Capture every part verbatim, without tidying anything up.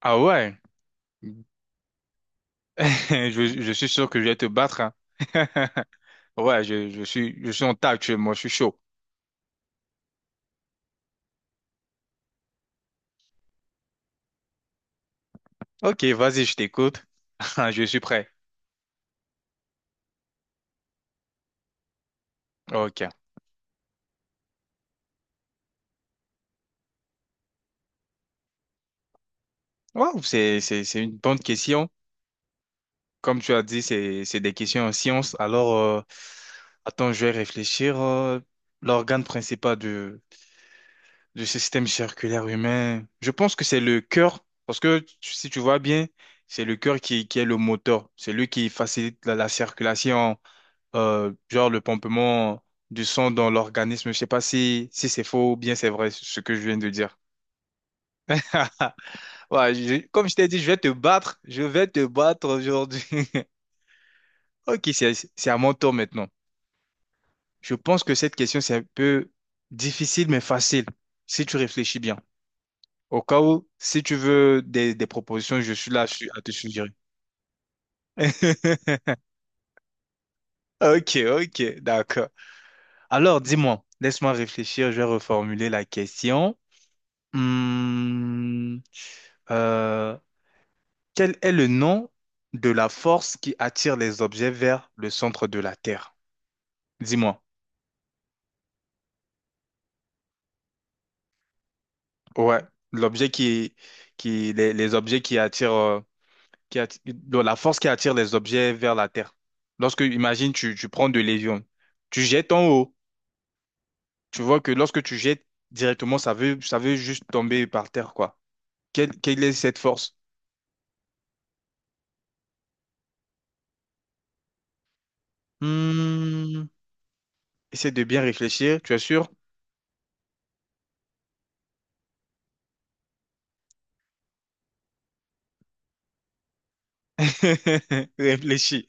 Ah ouais, je, je suis sûr que je vais te battre. Hein. Ouais, je, je suis, je suis en tas actuellement, je suis chaud. Ok, vas-y, je t'écoute. Je suis prêt. Ok. Wow, c'est, c'est, c'est une bonne question. Comme tu as dit, c'est, c'est des questions en science. Alors, euh, attends, je vais réfléchir. Euh, l'organe principal du, du système circulaire humain, je pense que c'est le cœur. Parce que tu- si tu vois bien, c'est le cœur qui, qui est le moteur. C'est lui qui facilite la la circulation. Euh, genre le pompement du sang dans l'organisme. Je sais pas si, si c'est faux ou bien c'est vrai ce que je viens de dire. Ouais, je- comme je t'ai dit, je vais te battre. Je vais te battre aujourd'hui. Ok, c'est, c'est à mon tour maintenant. Je pense que cette question, c'est un peu difficile, mais facile, si tu réfléchis bien. Au cas où, si tu veux des, des propositions, je suis là je suis à te suggérer. Ok, ok, d'accord. Alors, dis-moi, laisse-moi réfléchir, je vais reformuler la question. Hmm, euh, Quel est le nom de la force qui attire les objets vers le centre de la Terre? Dis-moi. Ouais, l'objet qui, qui les, les objets qui attirent, euh, qui atti- donc la force qui attire les objets vers la Terre. Lorsque, imagine, tu, tu prends de l'avion, tu jettes en haut, tu vois que lorsque tu jettes directement, ça veut, ça veut juste tomber par terre, quoi. Quelle, quelle est cette force? Hmm, Essaie de bien réfléchir, tu es sûr? Réfléchis.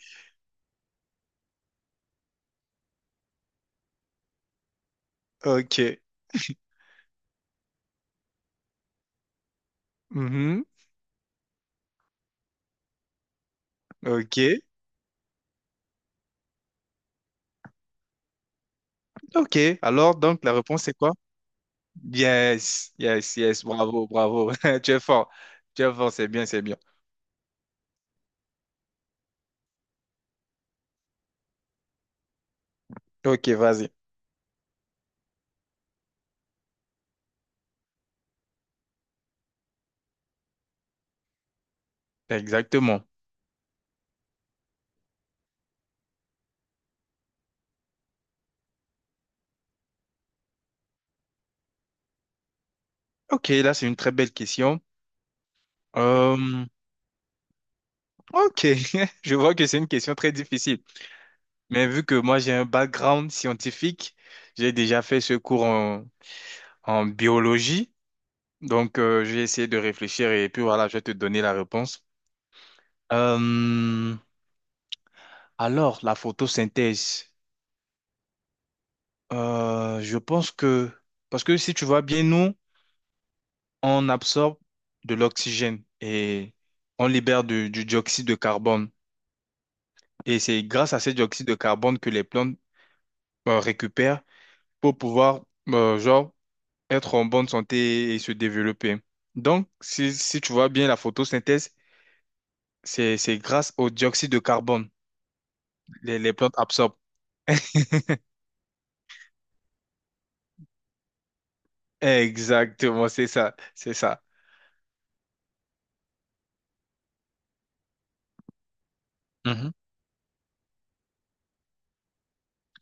Ok. Mhm. Ok. Ok. Alors, donc, la réponse, c'est quoi? Yes. Yes, yes. Bravo, bravo. Tu es fort. Tu es fort. C'est bien, c'est bien. Ok, vas-y. Exactement. Ok, là, c'est une très belle question. Euh, ok. Je vois que c'est une question très difficile. Mais vu que moi, j'ai un background scientifique, j'ai déjà fait ce cours en, en biologie. Donc, euh, j'ai essayé de réfléchir et puis voilà, je vais te donner la réponse. Euh, Alors, la photosynthèse, euh, je pense que, parce que si tu vois bien, nous, on absorbe de l'oxygène et on libère du, du dioxyde de carbone. Et c'est grâce à ce dioxyde de carbone que les plantes euh, récupèrent pour pouvoir, euh, genre, être en bonne santé et se développer. Donc, si, si tu vois bien, la photosynthèse, c'est, c'est grâce au dioxyde de carbone les, les plantes absorbent. Exactement, c'est ça, c'est ça. Mhm.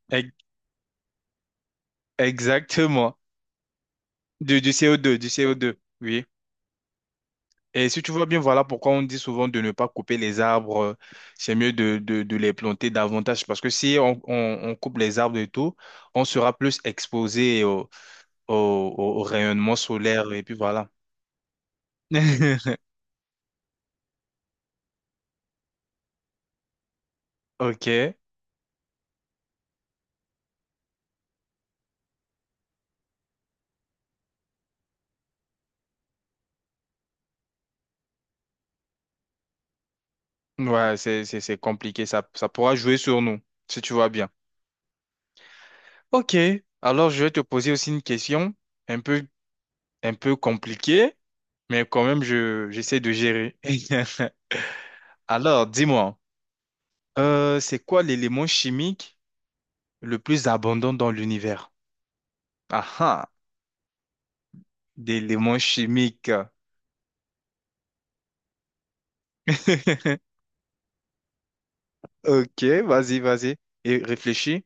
Ex- Exactement. Du, du C O deux, du C O deux, oui. Et si tu vois bien, voilà pourquoi on dit souvent de ne pas couper les arbres. euh, C'est mieux de, de, de les planter davantage parce que si on, on, on coupe les arbres et tout, on sera plus exposé au, au, au- au rayonnement solaire et puis voilà. Ok. Ouais, c'est, c'est, c'est compliqué. Ça, ça pourra jouer sur nous, si tu vois bien. Ok. Alors, je vais te poser aussi une question un peu, un peu compliquée, mais quand même, je, j'essaie de gérer. Alors, dis-moi. Euh, c'est quoi l'élément chimique le plus abondant dans l'univers? Ah ah, d'éléments chimiques. Ok, vas-y, vas-y. Et réfléchis.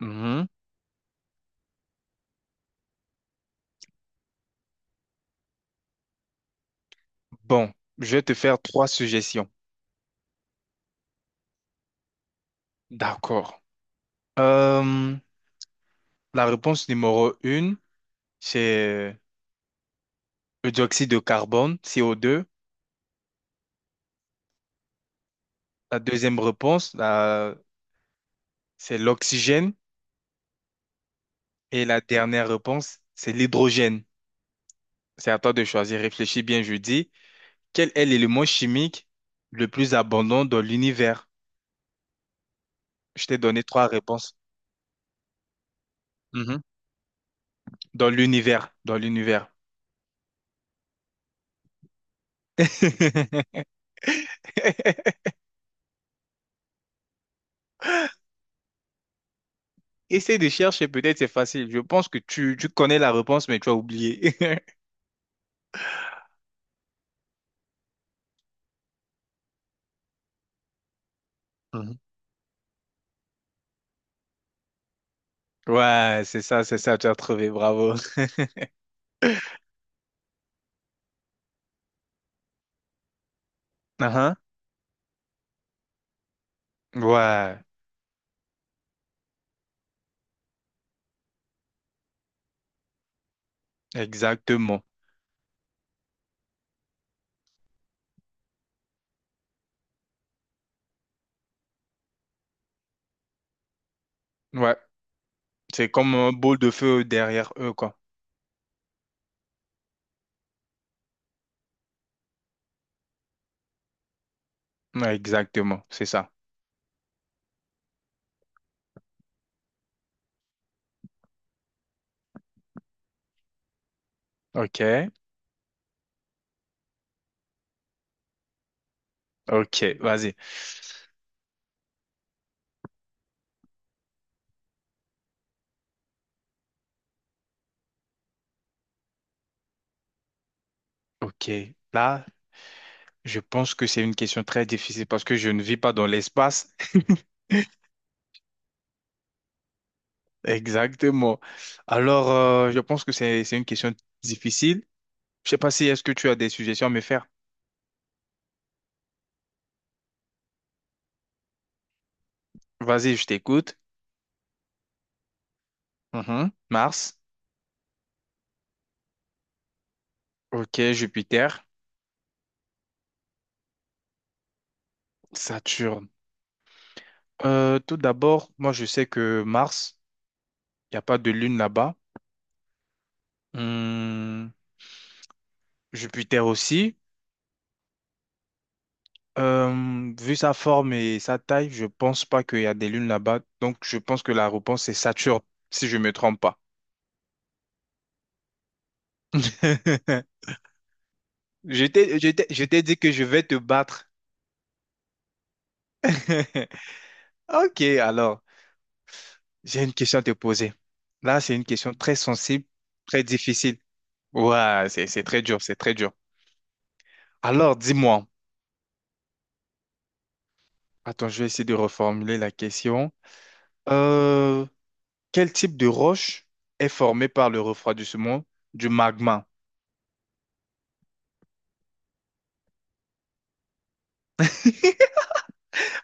Mhm. Bon, je vais te faire trois suggestions. D'accord. Euh, la réponse numéro une, c'est le dioxyde de carbone, C O deux. La deuxième réponse, la- c'est l'oxygène. Et la dernière réponse, c'est l'hydrogène. C'est à toi de choisir. Réfléchis bien, je dis. Quel est l'élément chimique le plus abondant dans l'univers? Je t'ai donné trois réponses. Mhm. Dans l'univers, dans l'univers. Essaye de chercher, peut-être c'est facile. Je pense que tu, tu connais la réponse, mais tu as oublié. Mhm. Ouais, c'est ça, c'est ça, tu as trouvé, bravo. Uhum. Ouais, exactement. Ouais, c'est comme un boule de feu derrière eux, quoi. Ouais, exactement, c'est ça. Ok, ok, vas-y. Ok, là, je pense que c'est une question très difficile parce que je ne vis pas dans l'espace. Exactement. Alors, euh, je pense que c'est, c'est une question difficile. Je sais pas si est-ce que tu as des suggestions à me faire. Vas-y, je t'écoute. Mhm. Mars. OK, Jupiter. Saturne. Euh, tout d'abord, moi, je sais que Mars, il n'y a pas de lune là-bas. Hum, Jupiter aussi. Euh, vu sa forme et sa taille, je pense pas qu'il y a des lunes là-bas. Donc, je pense que la réponse, c'est Saturne, si je me trompe pas. Je t'ai, je t'ai- je t'ai dit que je vais te battre. Ok, alors, j'ai une question à te poser. Là, c'est une question très sensible, très difficile. Ouais, c'est, c'est très dur, c'est très dur. Alors, dis-moi. Attends, je vais essayer de reformuler la question. Euh, quel type de roche est formée par le refroidissement du magma?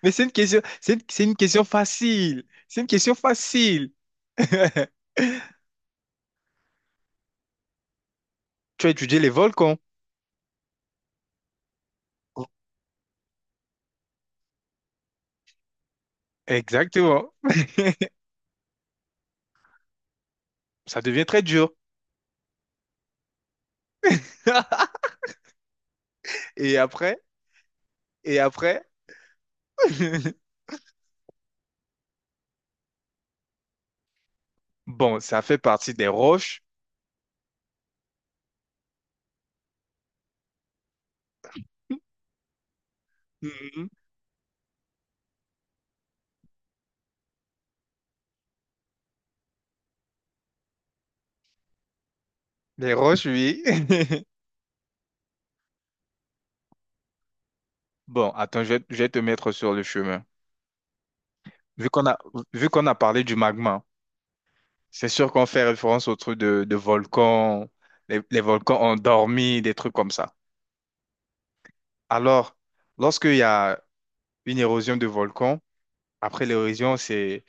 Mais c'est une question, c'est une, c'est une question facile. C'est une question facile. Tu as étudié les volcans. Exactement. Ça devient très dur. Et après, et après, bon, ça fait partie des roches. Mhm. Les roches, oui. Bon, attends, je vais, je vais te mettre sur le chemin. Vu qu'on a, vu qu'on a parlé du magma, c'est sûr qu'on fait référence au truc de, de volcan, les, les volcans ont dormi, des trucs comme ça. Alors, lorsqu'il y a une érosion de volcan, après l'érosion, c'est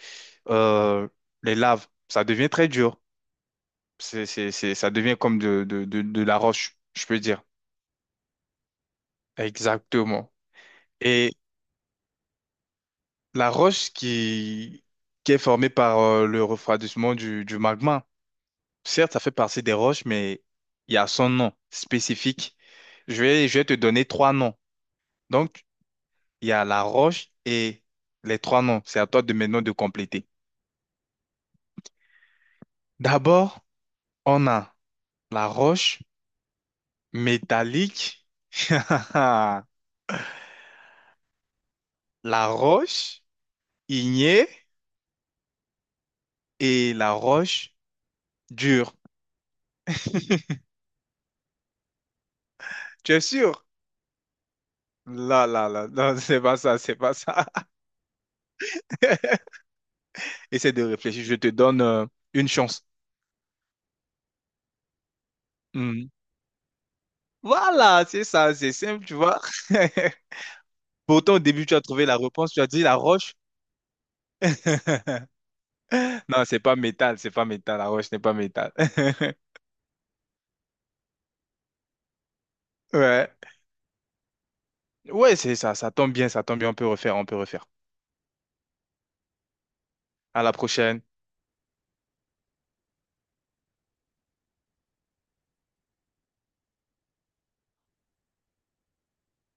euh, les laves. Ça devient très dur. C'est, c'est, c'est- ça devient comme de, de, de, de la roche, je peux dire. Exactement. Et la roche qui, qui est formée par euh, le refroidissement du, du magma, certes, ça fait partie des roches, mais il y a son nom spécifique. Je vais, je vais te donner trois noms. Donc, il y a la roche et les trois noms. C'est à toi de maintenant de compléter. D'abord, on a la roche métallique, la roche ignée et la roche dure. Tu es sûr? Là, là, là, non, c'est pas ça, c'est pas ça. Essaie de réfléchir, je te donne euh, une chance. Hmm. Voilà, c'est ça, c'est simple, tu vois. Pourtant, au début, tu as trouvé la réponse, tu as dit la roche. Non, c'est pas métal, c'est pas métal, la roche n'est pas métal. Ouais. Ouais, c'est ça, ça tombe bien, ça tombe bien, on peut refaire, on peut refaire. À la prochaine.